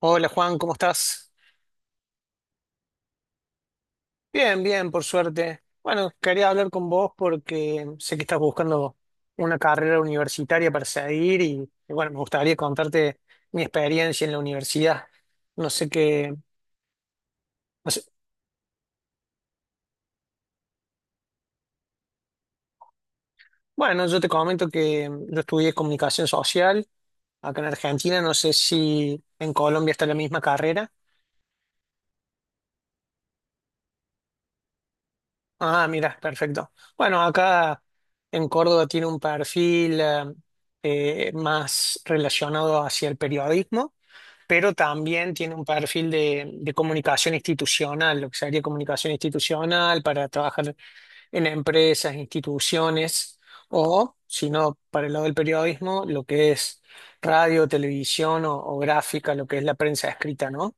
Hola Juan, ¿cómo estás? Bien, bien, por suerte. Bueno, quería hablar con vos porque sé que estás buscando una carrera universitaria para seguir y bueno, me gustaría contarte mi experiencia en la universidad. No sé qué, no sé- Bueno, yo te comento que yo estudié comunicación social acá en Argentina, no sé si en Colombia está la misma carrera. Ah, mira, perfecto. Bueno, acá en Córdoba tiene un perfil más relacionado hacia el periodismo, pero también tiene un perfil de comunicación institucional, lo que sería comunicación institucional para trabajar en empresas, instituciones, o si no, para el lado del periodismo, lo que es radio, televisión o gráfica, lo que es la prensa escrita, ¿no?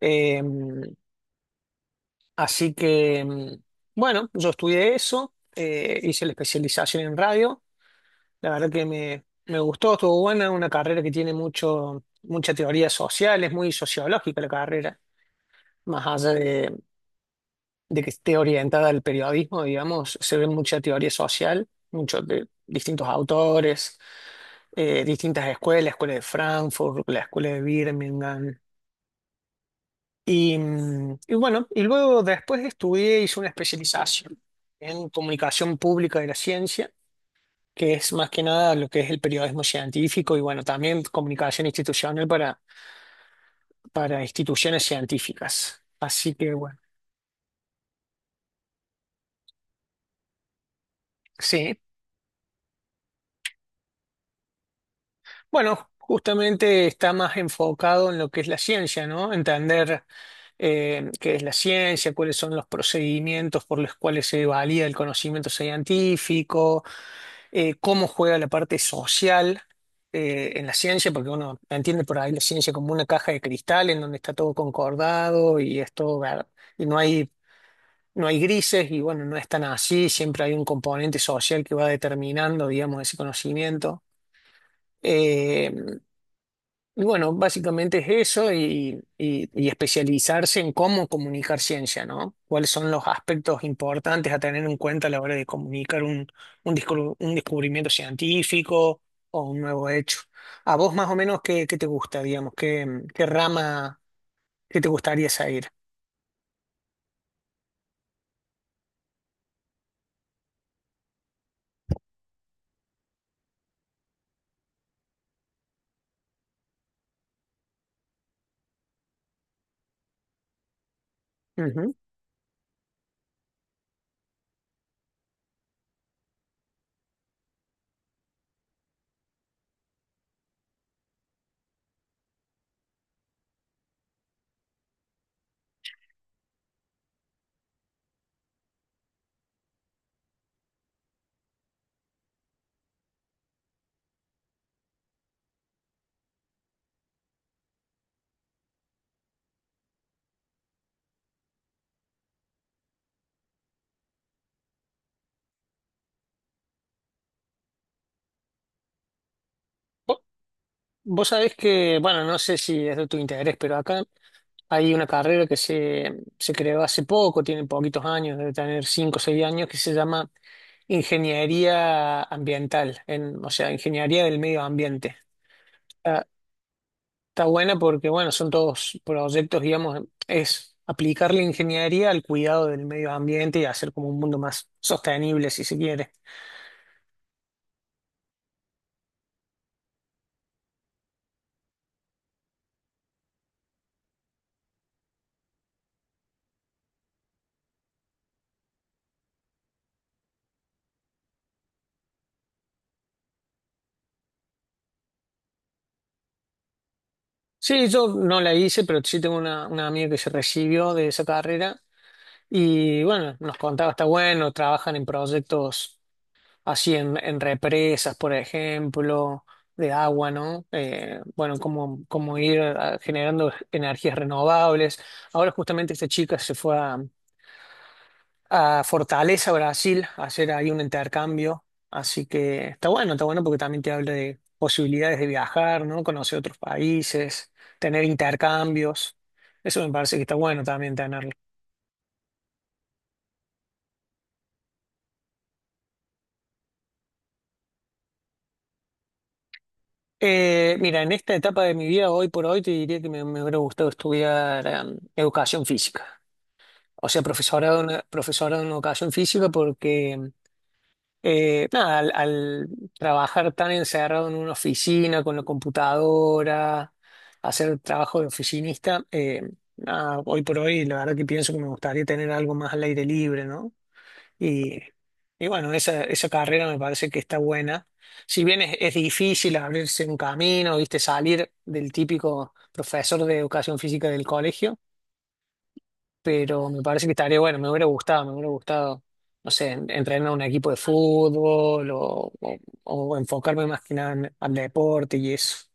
Eh, Así que, bueno, yo estudié eso, hice la especialización en radio. La verdad que me gustó, estuvo buena, una carrera que tiene mucha teoría social, es muy sociológica la carrera, más allá de que esté orientada al periodismo, digamos, se ve mucha teoría social, muchos de distintos autores, distintas escuelas, la escuela de Frankfurt, la escuela de Birmingham. Y bueno, y luego después estudié, hice una especialización en comunicación pública de la ciencia, que es más que nada lo que es el periodismo científico y bueno, también comunicación institucional para instituciones científicas. Así que bueno, sí. Bueno, justamente está más enfocado en lo que es la ciencia, ¿no? Entender qué es la ciencia, cuáles son los procedimientos por los cuales se valida el conocimiento científico, cómo juega la parte social, en la ciencia, porque uno entiende por ahí la ciencia como una caja de cristal en donde está todo concordado y es todo y no hay, no hay grises, y bueno, no es tan así, siempre hay un componente social que va determinando, digamos, ese conocimiento. Eh, y bueno, básicamente es eso y especializarse en cómo comunicar ciencia, ¿no? ¿Cuáles son los aspectos importantes a tener en cuenta a la hora de comunicar un descubrimiento científico o un nuevo hecho? ¿A vos más o menos qué, qué te gusta, digamos? ¿Qué, qué rama, qué te gustaría seguir? Ujú. Vos sabés que, bueno, no sé si es de tu interés, pero acá hay una carrera se creó hace poco, tiene poquitos años, debe tener 5 o 6 años, que se llama Ingeniería Ambiental, en, o sea, Ingeniería del Medio Ambiente. Está, Está buena porque, bueno, son todos proyectos, digamos, es aplicar la ingeniería al cuidado del medio ambiente y hacer como un mundo más sostenible, si se quiere. Sí, yo no la hice, pero sí tengo una amiga que se recibió de esa carrera. Y bueno, nos contaba, está bueno, trabajan en proyectos así en represas, por ejemplo, de agua, ¿no? Bueno, cómo, cómo ir generando energías renovables. Ahora justamente esta chica se fue a Fortaleza, Brasil, a hacer ahí un intercambio. Así que está bueno porque también te habla de posibilidades de viajar, ¿no? Conocer otros países, tener intercambios. Eso me parece que está bueno también tenerlo. Mira, en esta etapa de mi vida, hoy por hoy, te diría que me hubiera gustado estudiar educación física. O sea, profesorado en, profesorado en educación física porque, nada, al trabajar tan encerrado en una oficina, con la computadora, hacer trabajo de oficinista, nada, hoy por hoy, la verdad que pienso que me gustaría tener algo más al aire libre, ¿no? Y, y bueno, esa carrera me parece que está buena. Si bien es difícil abrirse un camino, viste, salir del típico profesor de educación física del colegio, pero me parece que estaría bueno, me hubiera gustado, no sé, entrenar a un equipo de fútbol o enfocarme más que nada al deporte y eso.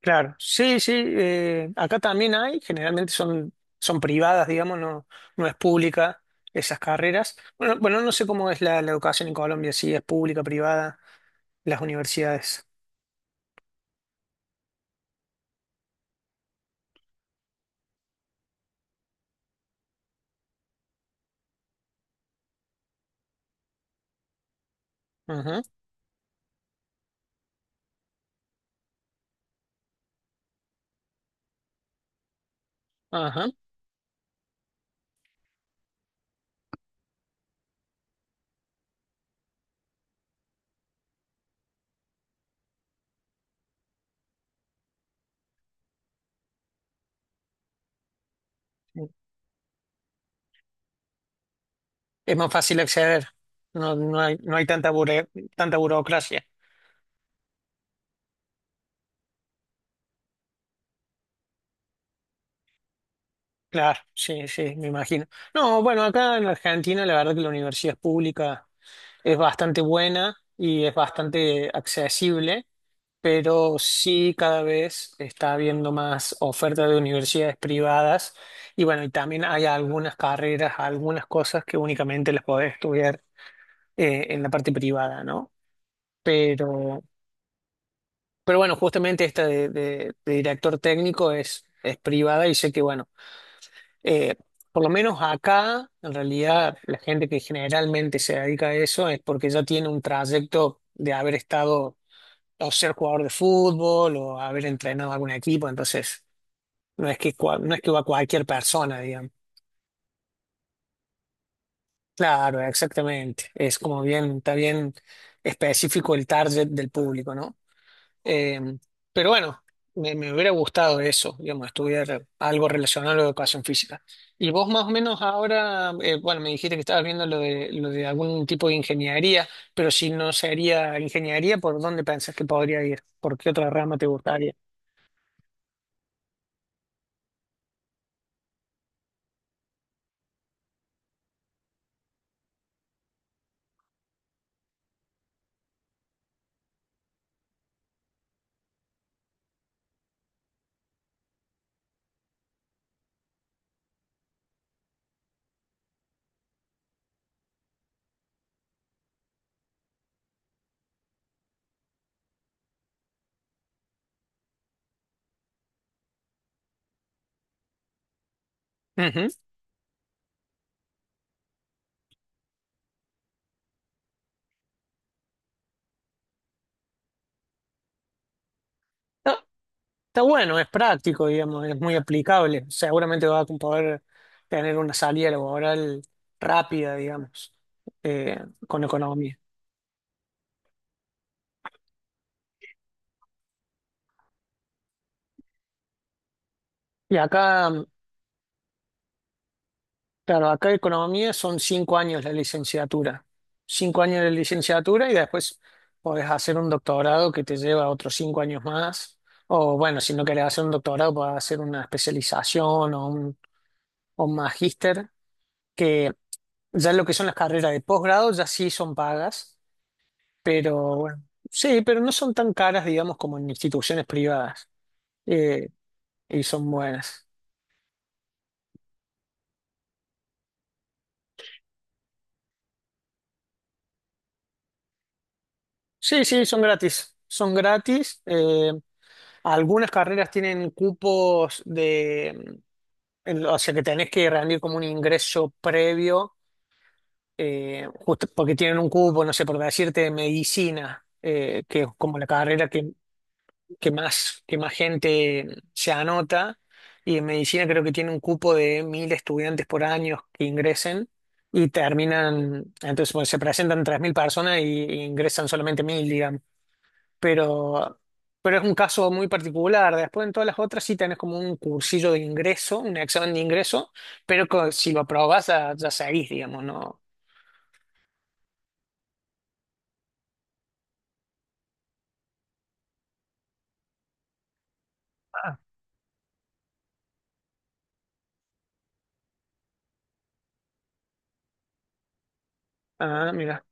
Claro, sí, sí, acá también hay, generalmente son, son privadas, digamos, no, no es pública esas carreras. Bueno, bueno, no sé cómo es la educación en Colombia, si es pública, privada, las universidades. Ujú, ajá. Es más fácil acceder, no, no hay, no hay tanta, tanta burocracia. Claro, sí, sí, me imagino. No, bueno, acá en Argentina la verdad que la universidad pública es bastante buena y es bastante accesible, pero sí cada vez está habiendo más oferta de universidades privadas y bueno, y también hay algunas carreras, algunas cosas que únicamente las podés estudiar en la parte privada, ¿no? Pero, pero bueno, justamente esta de director técnico es privada y sé que bueno, eh, por lo menos acá, en realidad, la gente que generalmente se dedica a eso es porque ya tiene un trayecto de haber estado o ser jugador de fútbol o haber entrenado algún equipo, entonces no es que, no es que va cualquier persona, digamos. Claro, exactamente. Es como bien, está bien específico el target del público, ¿no? Eh, pero bueno, me hubiera gustado eso, digamos, estudiar algo relacionado a la educación física. Y vos más o menos ahora, bueno, me dijiste que estabas viendo lo de algún tipo de ingeniería, pero si no sería ingeniería, ¿por dónde pensás que podría ir? ¿Por qué otra rama te gustaría? Ujú. Está bueno, es práctico, digamos, es muy aplicable. Seguramente vas a poder tener una salida laboral rápida, digamos, eh, con economía. Y acá, claro, acá economía son 5 años la licenciatura. 5 años de licenciatura y después podés hacer un doctorado que te lleva otros 5 años más. O bueno, si no querés hacer un doctorado, podés hacer una especialización o un magíster, que ya lo que son las carreras de posgrado ya sí son pagas. Pero bueno, sí, pero no son tan caras, digamos, como en instituciones privadas. eh, y son buenas. Sí, sí, son gratis. Son gratis. Algunas carreras tienen cupos de... O sea, que tenés que rendir como un ingreso previo, justo porque tienen un cupo, no sé, por decirte, de medicina, que es como la carrera que más, que más gente se anota. Y en medicina creo que tiene un cupo de 1.000 estudiantes por año que ingresen y terminan, entonces bueno, se presentan 3.000 personas y ingresan solamente 1.000, digamos. Pero, pero es un caso muy particular. Después en todas las otras sí tenés como un cursillo de ingreso, un examen de ingreso, pero si lo aprobás ya, ya seguís, digamos, ¿no? Ah. Ah, mira.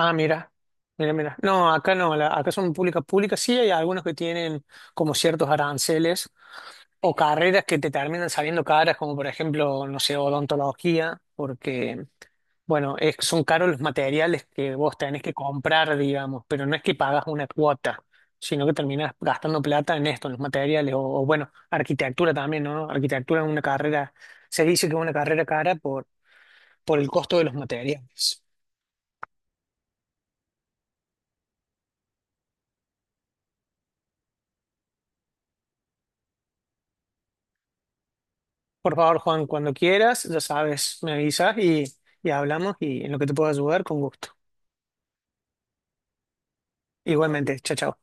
Ah, mira, mira, mira. No, acá no, acá son públicas públicas. Sí hay algunos que tienen como ciertos aranceles o carreras que te terminan saliendo caras, como por ejemplo, no sé, odontología, porque, bueno, son caros los materiales que vos tenés que comprar, digamos, pero no es que pagas una cuota, sino que terminás gastando plata en esto, en los materiales, o, bueno, arquitectura también, ¿no? Arquitectura es una carrera, se dice que es una carrera cara por el costo de los materiales. Por favor, Juan, cuando quieras, ya sabes, me avisas y hablamos y en lo que te pueda ayudar, con gusto. Igualmente, chao, chao.